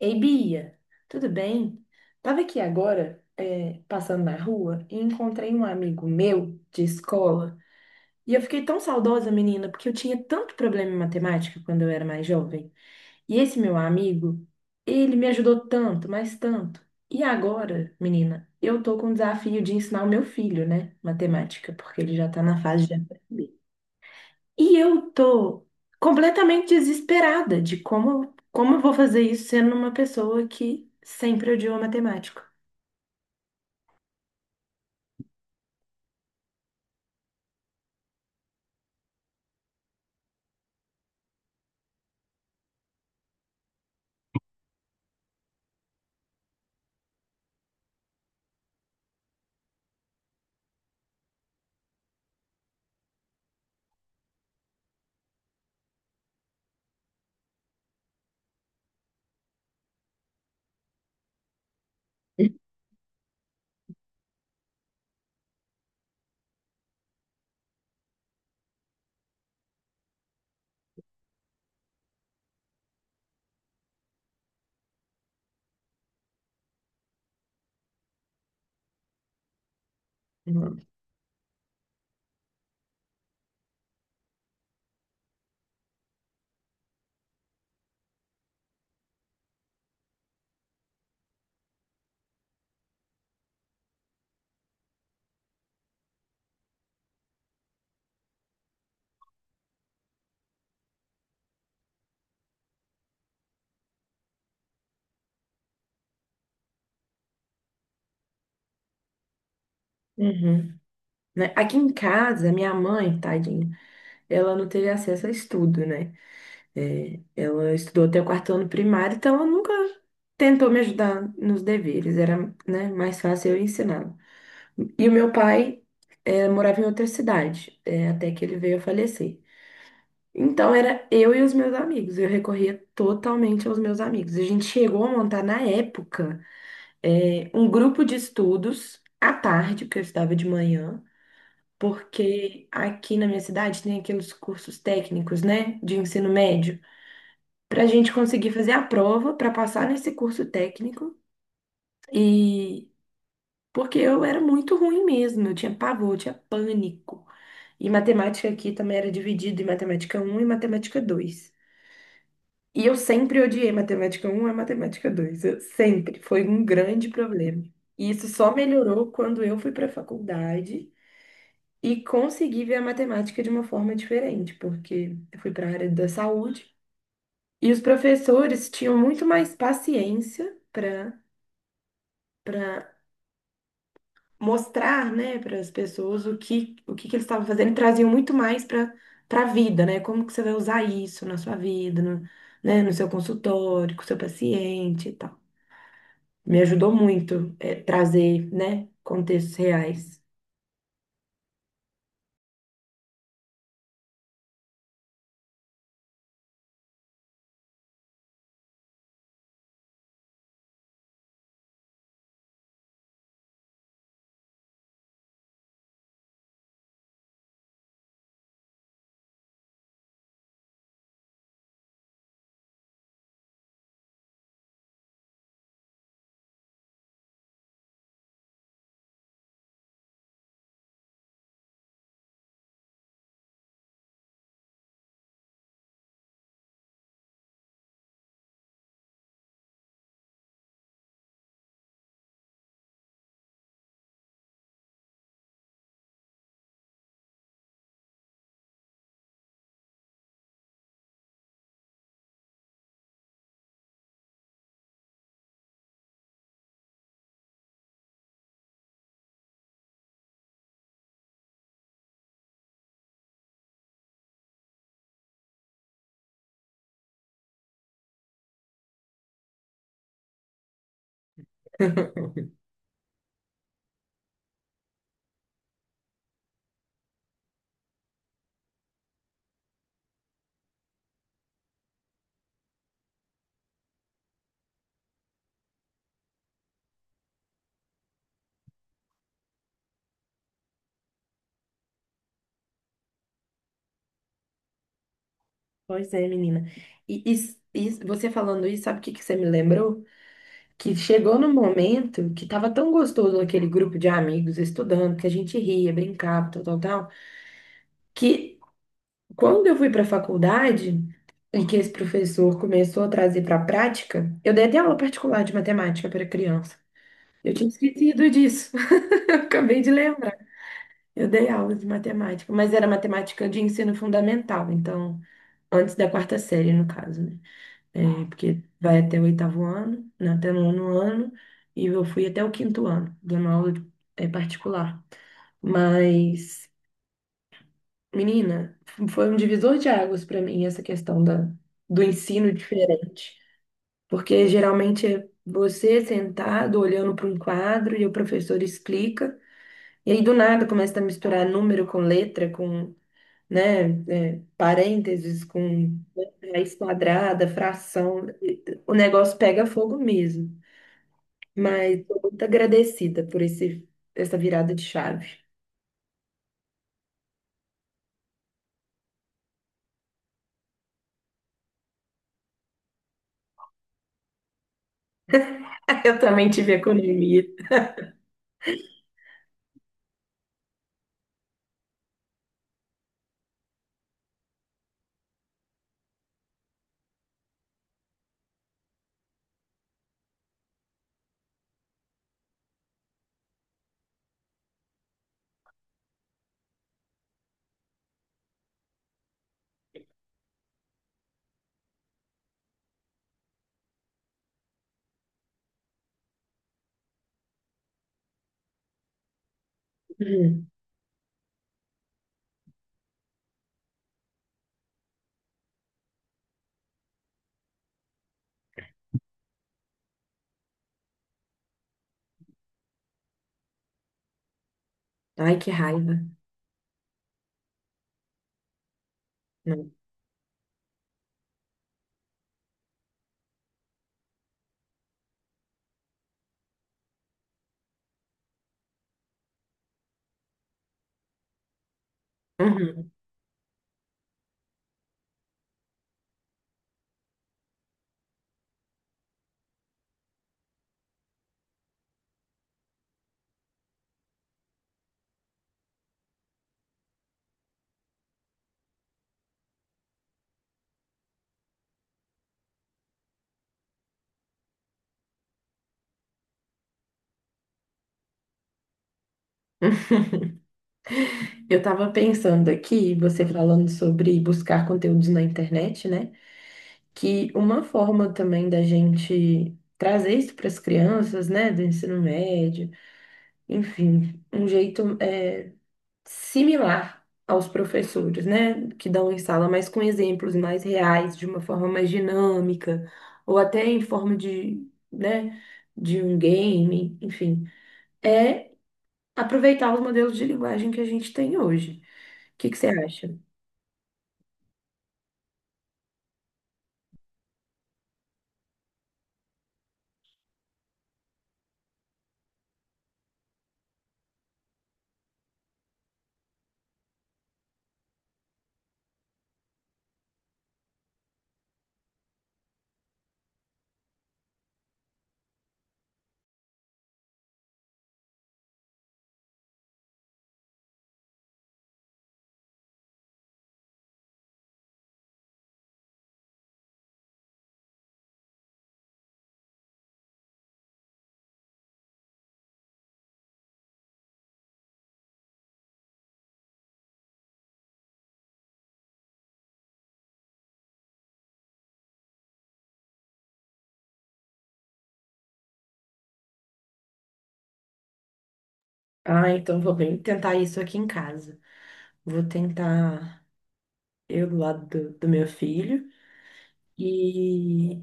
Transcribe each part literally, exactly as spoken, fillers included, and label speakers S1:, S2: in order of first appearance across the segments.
S1: Ei, Bia, tudo bem? Tava aqui agora, é, passando na rua, e encontrei um amigo meu de escola. E eu fiquei tão saudosa, menina, porque eu tinha tanto problema em matemática quando eu era mais jovem. E esse meu amigo, ele me ajudou tanto, mas tanto. E agora, menina, eu tô com o desafio de ensinar o meu filho, né, matemática, porque ele já tá na fase de aprender. E eu tô completamente desesperada de como, como eu vou fazer isso sendo uma pessoa que sempre odiou matemática. Uhum. Uhum. Né? Aqui em casa, minha mãe, tadinha, ela não teve acesso a estudo, né? É, ela estudou até o quarto ano primário, então ela nunca tentou me ajudar nos deveres, era, né, mais fácil eu ensiná-la. E o meu pai, é, morava em outra cidade, é, até que ele veio a falecer. Então era eu e os meus amigos, eu recorria totalmente aos meus amigos. A gente chegou a montar na época eh, um grupo de estudos à tarde, porque eu estudava de manhã, porque aqui na minha cidade tem aqueles cursos técnicos, né, de ensino médio, para a gente conseguir fazer a prova para passar nesse curso técnico. E porque eu era muito ruim mesmo, eu tinha pavor, eu tinha pânico. E matemática aqui também era dividido em matemática um e matemática dois. E eu sempre odiei matemática um e matemática dois. Eu sempre. Foi um grande problema. E isso só melhorou quando eu fui para a faculdade e consegui ver a matemática de uma forma diferente, porque eu fui para a área da saúde e os professores tinham muito mais paciência para para mostrar, né, para as pessoas o que, o que, que eles estavam fazendo e traziam muito mais para para a vida, né? Como que você vai usar isso na sua vida, no, né, no seu consultório, com o seu paciente e tal. Me ajudou muito, é, trazer, né, contextos reais. Pois é, menina. E, e- e você falando isso, sabe o que que você me lembrou? Que chegou num momento que tava tão gostoso aquele grupo de amigos estudando, que a gente ria, brincava, tal, tal, tal, que quando eu fui para a faculdade e que esse professor começou a trazer para a prática, eu dei até aula particular de matemática para criança. Eu tinha esquecido disso. Acabei de lembrar. Eu dei aula de matemática, mas era matemática de ensino fundamental, então, antes da quarta série, no caso, né? É, porque vai até o oitavo ano, né, até o nono ano, e eu fui até o quinto ano, dando aula de- é, particular. Mas, menina, foi um divisor de águas para mim essa questão da, do ensino diferente. Porque geralmente é você sentado olhando para um quadro e o professor explica, e aí do nada começa a misturar número com letra, com né, é, parênteses com raiz quadrada, fração, o negócio pega fogo mesmo. Mas estou muito agradecida por esse, essa virada de chave. Eu também tive economia. Uhum. Ai, que raiva. Não. Uhum. Eu estava pensando aqui, você falando sobre buscar conteúdos na internet, né? Que uma forma também da gente trazer isso para as crianças, né, do ensino médio, enfim, um jeito é, similar aos professores, né, que dão em sala, mas com exemplos mais reais, de uma forma mais dinâmica, ou até em forma de, né, de um game, enfim, é aproveitar os modelos de linguagem que a gente tem hoje. O que que você acha? Ah, então vou bem tentar isso aqui em casa. Vou tentar eu do lado do, do meu filho e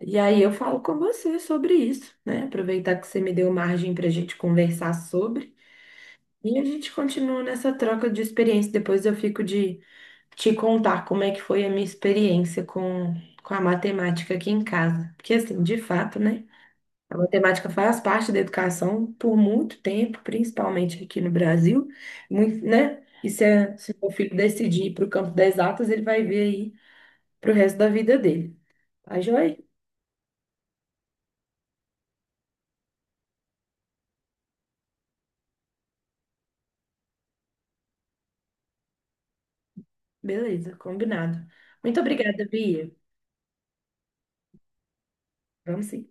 S1: e aí eu falo com você sobre isso, né? Aproveitar que você me deu margem para a gente conversar sobre. E a gente continua nessa troca de experiência. Depois eu fico de te contar como é que foi a minha experiência com, com a matemática aqui em casa. Porque, assim, de fato, né? A matemática faz parte da educação por muito tempo, principalmente aqui no Brasil, muito, né? E se, a- se o meu filho decidir ir para o campo das exatas, ele vai ver aí para o resto da vida dele. Tá joia? Beleza, combinado. Muito obrigada, Bia. Vamos sim.